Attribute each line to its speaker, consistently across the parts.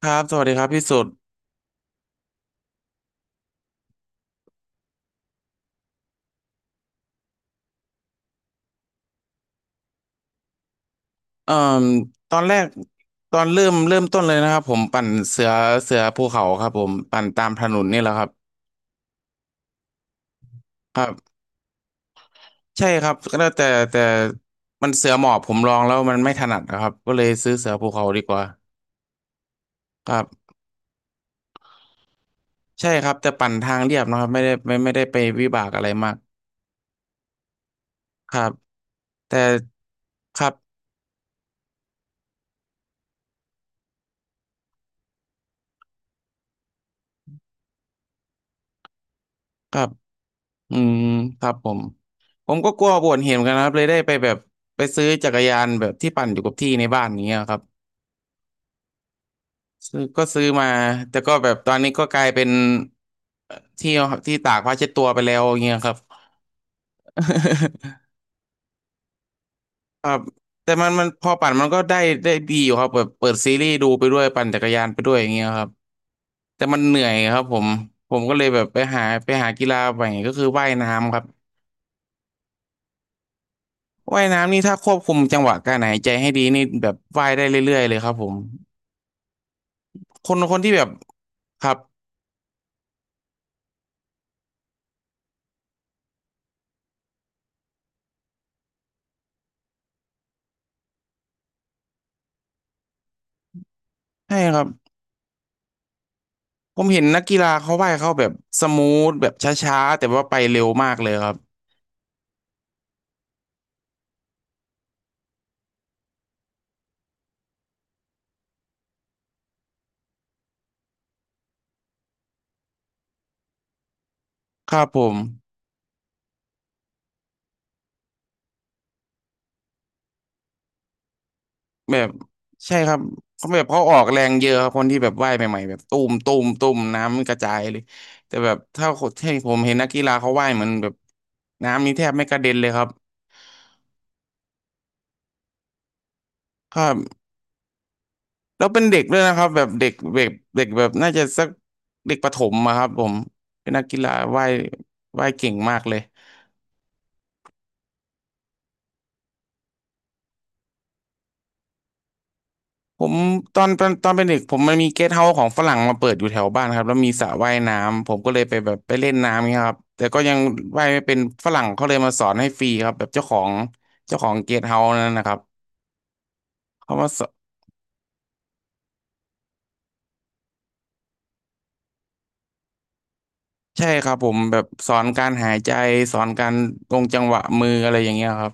Speaker 1: ครับสวัสดีครับพี่สุดเอ่มตอนแรกตอนเริ่มต้นเลยนะครับผมปั่นเสือภูเขาครับผมปั่นตามถนนนี่แหละครับครับใช่ครับก็แต่มันเสือหมอบผมลองแล้วมันไม่ถนัดนะครับก็เลยซื้อเสือภูเขาดีกว่าครับใช่ครับแต่ปั่นทางเรียบนะครับไม่ได้ไปวิบากอะไรมากครับแต่ครับครับอืมครับผมก็กลัวปวดเห็นเหมือนกันนะครับเลยได้ไปแบบไปซื้อจักรยานแบบที่ปั่นอยู่กับที่ในบ้านอย่างเงี้ยครับ ซื้อก็ซื้อมาแต่ก็แบบตอนนี้ก็กลายเป็นเอ่อที่อที่ตากผ้าเช็ดตัวไปแล้วอย่างเงี้ยครับ ครับแต่มันมันพอปั่นมันก็ได้ได้ดีอยู่ครับแบบเปิดซีรีส์ดูไปด้วยปั่นจักรยานไปด้วยอย่างเงี้ยครับแต่มันเหนื่อยครับผมผมก็เลยแบบไปหากีฬาใหม่ก็คือว่ายน้ำครับว่ายน้ำนี่ถ้าควบคุมจังหวะการหายใจให้ดีนี่แบบว่ายได้เรื่อยๆเลยครับผมคนที่แบบครับใช่ครับ ผมเห็นนักกีฬาเขาว่ายเขาแบบสมูทแบบช้าๆแต่ว่าไปเร็วมากเลยครับครับผมแบบใช่ครับเขาแบบเขาออกแรงเยอะครับคนที่แบบว่ายใหม่ๆแบบต้มต้มต้มน้ำกระจายเลยแต่แบบถ้าคนที่ผมเห็นนักกีฬาเขาว่ายเหมือนแบบน้ำนี่แทบไม่กระเด็นเลยครับครับแล้วเป็นเด็กด้วยนะครับแบบเด็กเบบเด็กแบบน่าจะสักเด็กประถมอะครับผมเป็นนักกีฬาว่ายว่ายเก่งมากเลย ผมตอนเป็นเด็กผมมันมีเกสต์เฮาส์ของฝรั่งมาเปิดอยู่แถวบ้านครับแล้วมีสระว่ายน้ำผมก็เลยไปแบบไปเล่นน้ำเงี้ยครับแต่ก็ยังว่ายไม่เป็นฝรั่งเขาเลยมาสอนให้ฟรีครับแบบเจ้าของเกสต์เฮาส์นั่นนะครับเขามาสอนใช่ครับผมแบบสอนการหายใจสอนการลงจังหวะมืออะไรอย่างเงี้ยครับ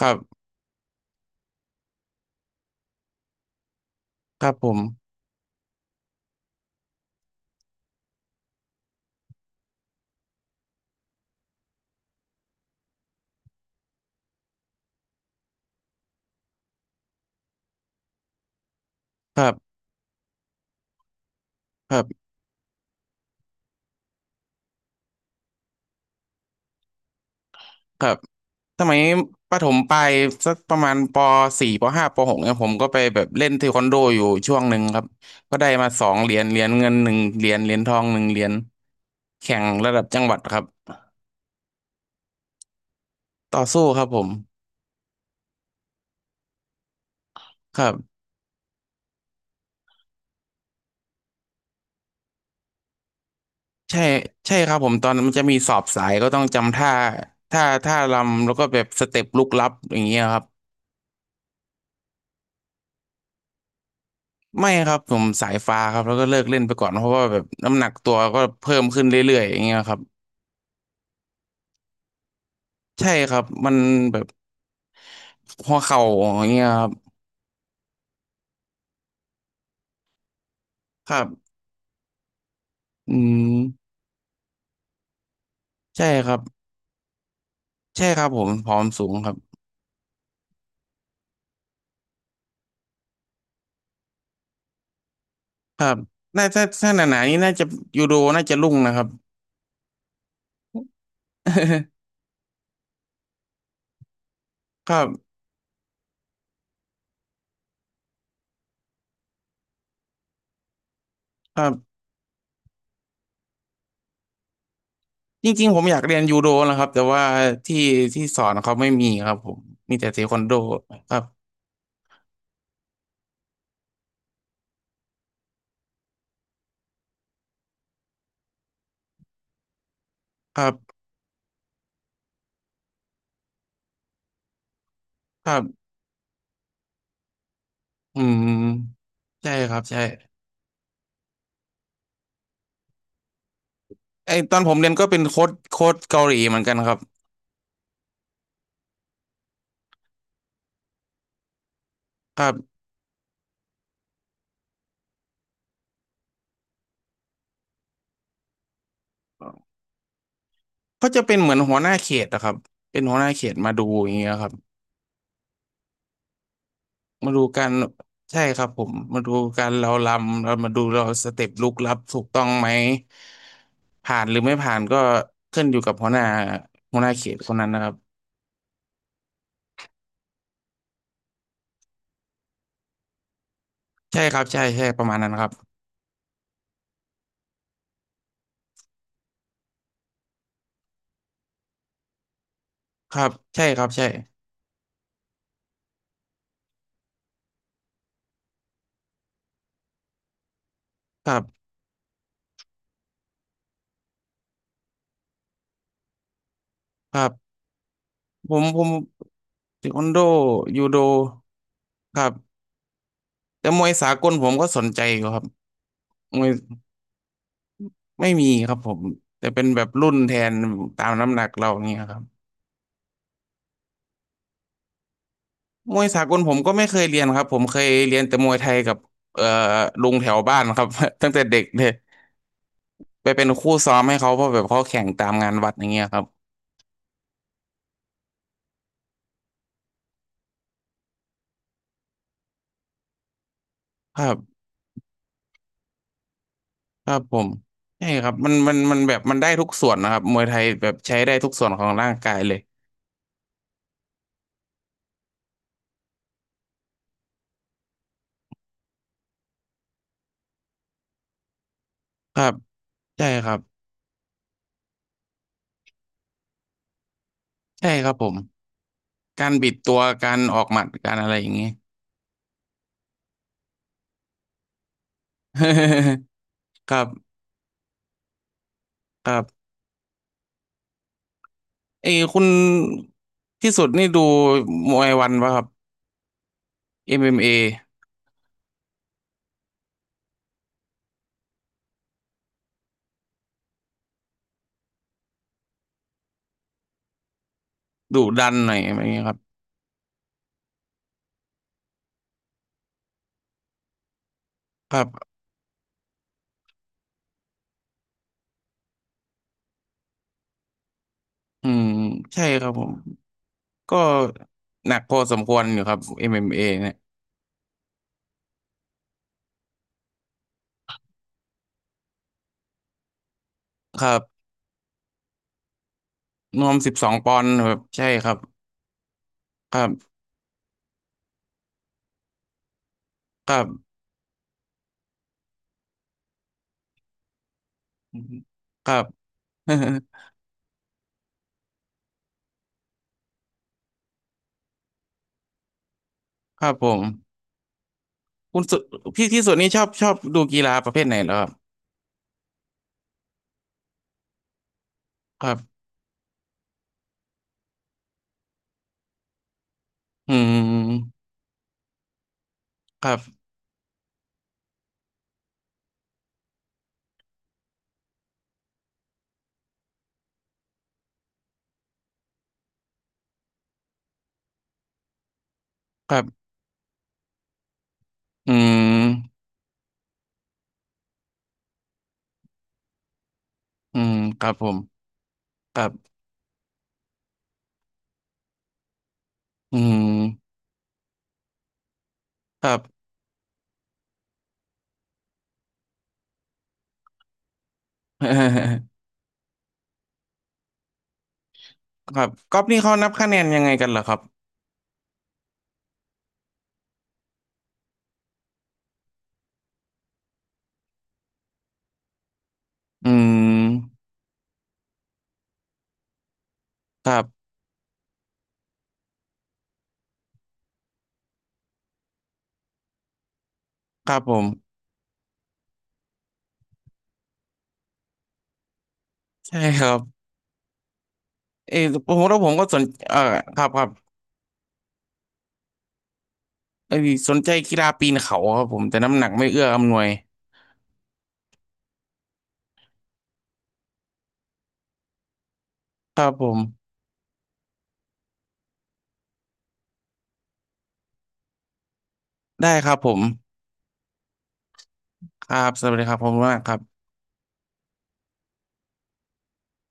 Speaker 1: ครับครับผมครับครับ ครับสมัยประถมปลายสักประมาณปสี่ปห้าปหกเนี่ยผมก็ไปแบบเล่นเทควันโดอยู่ช่วงหนึ่งครับก็ได้มาสองเหรียญเหรียญเงินหนึ่งเหรียญเหรียญทองหนึ่งเหรียญแข่งระดับจังหวัดครับต่อสู้ครับผมครับใช่ใช่ครับผมตอนนั้นมันจะมีสอบสายก็ต้องจำท่าท่ารำแล้วก็แบบสเต็ปลุกลับอย่างเงี้ยครับไม่ครับผมสายฟ้าครับแล้วก็เลิกเล่นไปก่อนเพราะว่าแบบน้ำหนักตัวก็เพิ่มขึ้นเรื่อยๆอย่างเงี้ยครับใช่ครับมันแบบ หัวเข่าอย่างเงี้ยครับครับอืมใช่ครับใช่ครับผมผอมสูงครับครับน่าถ้าถ้าหนาๆนี่น่าจะยูโดน่าจะรุ่งนะครับ ครับครับจริงๆผมอยากเรียนยูโดนะครับแต่ว่าที่ที่สอนเขาไม่มีครับผมมีแต่เทควันโดครับครับครับอืมใช่ครับใช่ไอตอนผมเรียนก็เป็นโค้ชเกาหลีเหมือนกันครับครับเขาจะเป็นเหมือนหัวหน้าเขตนะครับเป็นหัวหน้าเขตมาดูอย่างเงี้ยครับ มาดูการใช่ครับผมมาดูการเราลำเรามาดูเราสเต็ปลุกลับถูกต้องไหมผ่านหรือไม่ผ่านก็ขึ้นอยู่กับหัวหน้าเขตคนนั้นนะครับใช่ครับใช่ใช่ประมาณนั้นครับครับใช่ครับใช่ครับครับผมเทควันโดยูโดครับแต่มวยสากลผมก็สนใจอยู่ครับมวยไม่มีครับผมแต่เป็นแบบรุ่นแทนตามน้ำหนักเราอย่างเงี้ยครับ มวยสากลผมก็ไม่เคยเรียนครับผมเคยเรียนแต่มวยไทยกับเอ่อลุงแถวบ้านครับ ตั้งแต่เด็กเลยไปเป็นคู่ซ้อมให้เขาเพราะแบบเขาแข่งตามงานวัดอย่างเงี้ยครับครับครับผมใช่ครับมันมันมันแบบมันได้ทุกส่วนนะครับมวยไทยแบบใช้ได้ทุกส่วนของร่างกายเลยครับใช่ครับใช่ครับผมการบิดตัวการออกหมัดการอะไรอย่างเงี้ย ครับครับเอยคุณที่สุดนี่ดูมวยวันป่ะครับเอ็มเ a ดุดันหน่อยอะไรอย่างเงี้ยครับ ครับ อืม ใช่ครับผมก็หนักพอสมควรอยู่ครับ MMA เอ็มเอเนี่ยครับรวม12 ปอนด์แบบใช่ครับ ครับครับครับ ครับผมคุณสุพี่ที่สุดนี่ชอบดูกีฬาประเภทไหนเหรอครับ ครับอืมครับครับอืมอืมครับผมครับอืมครับ ครับกอล์ฟนี่เขานับคะแนนยังไงกันเหรอครับอืมครับครับผมใช่ครับ เออผมแล้วผมก็สนเออครับครับเออสนใจกีฬาปีนเขาครับผมแต่น้ำหนักไม่เอื้ออำนวยครับผมได้ครับผมครับสวัสดีครับผมมากครับ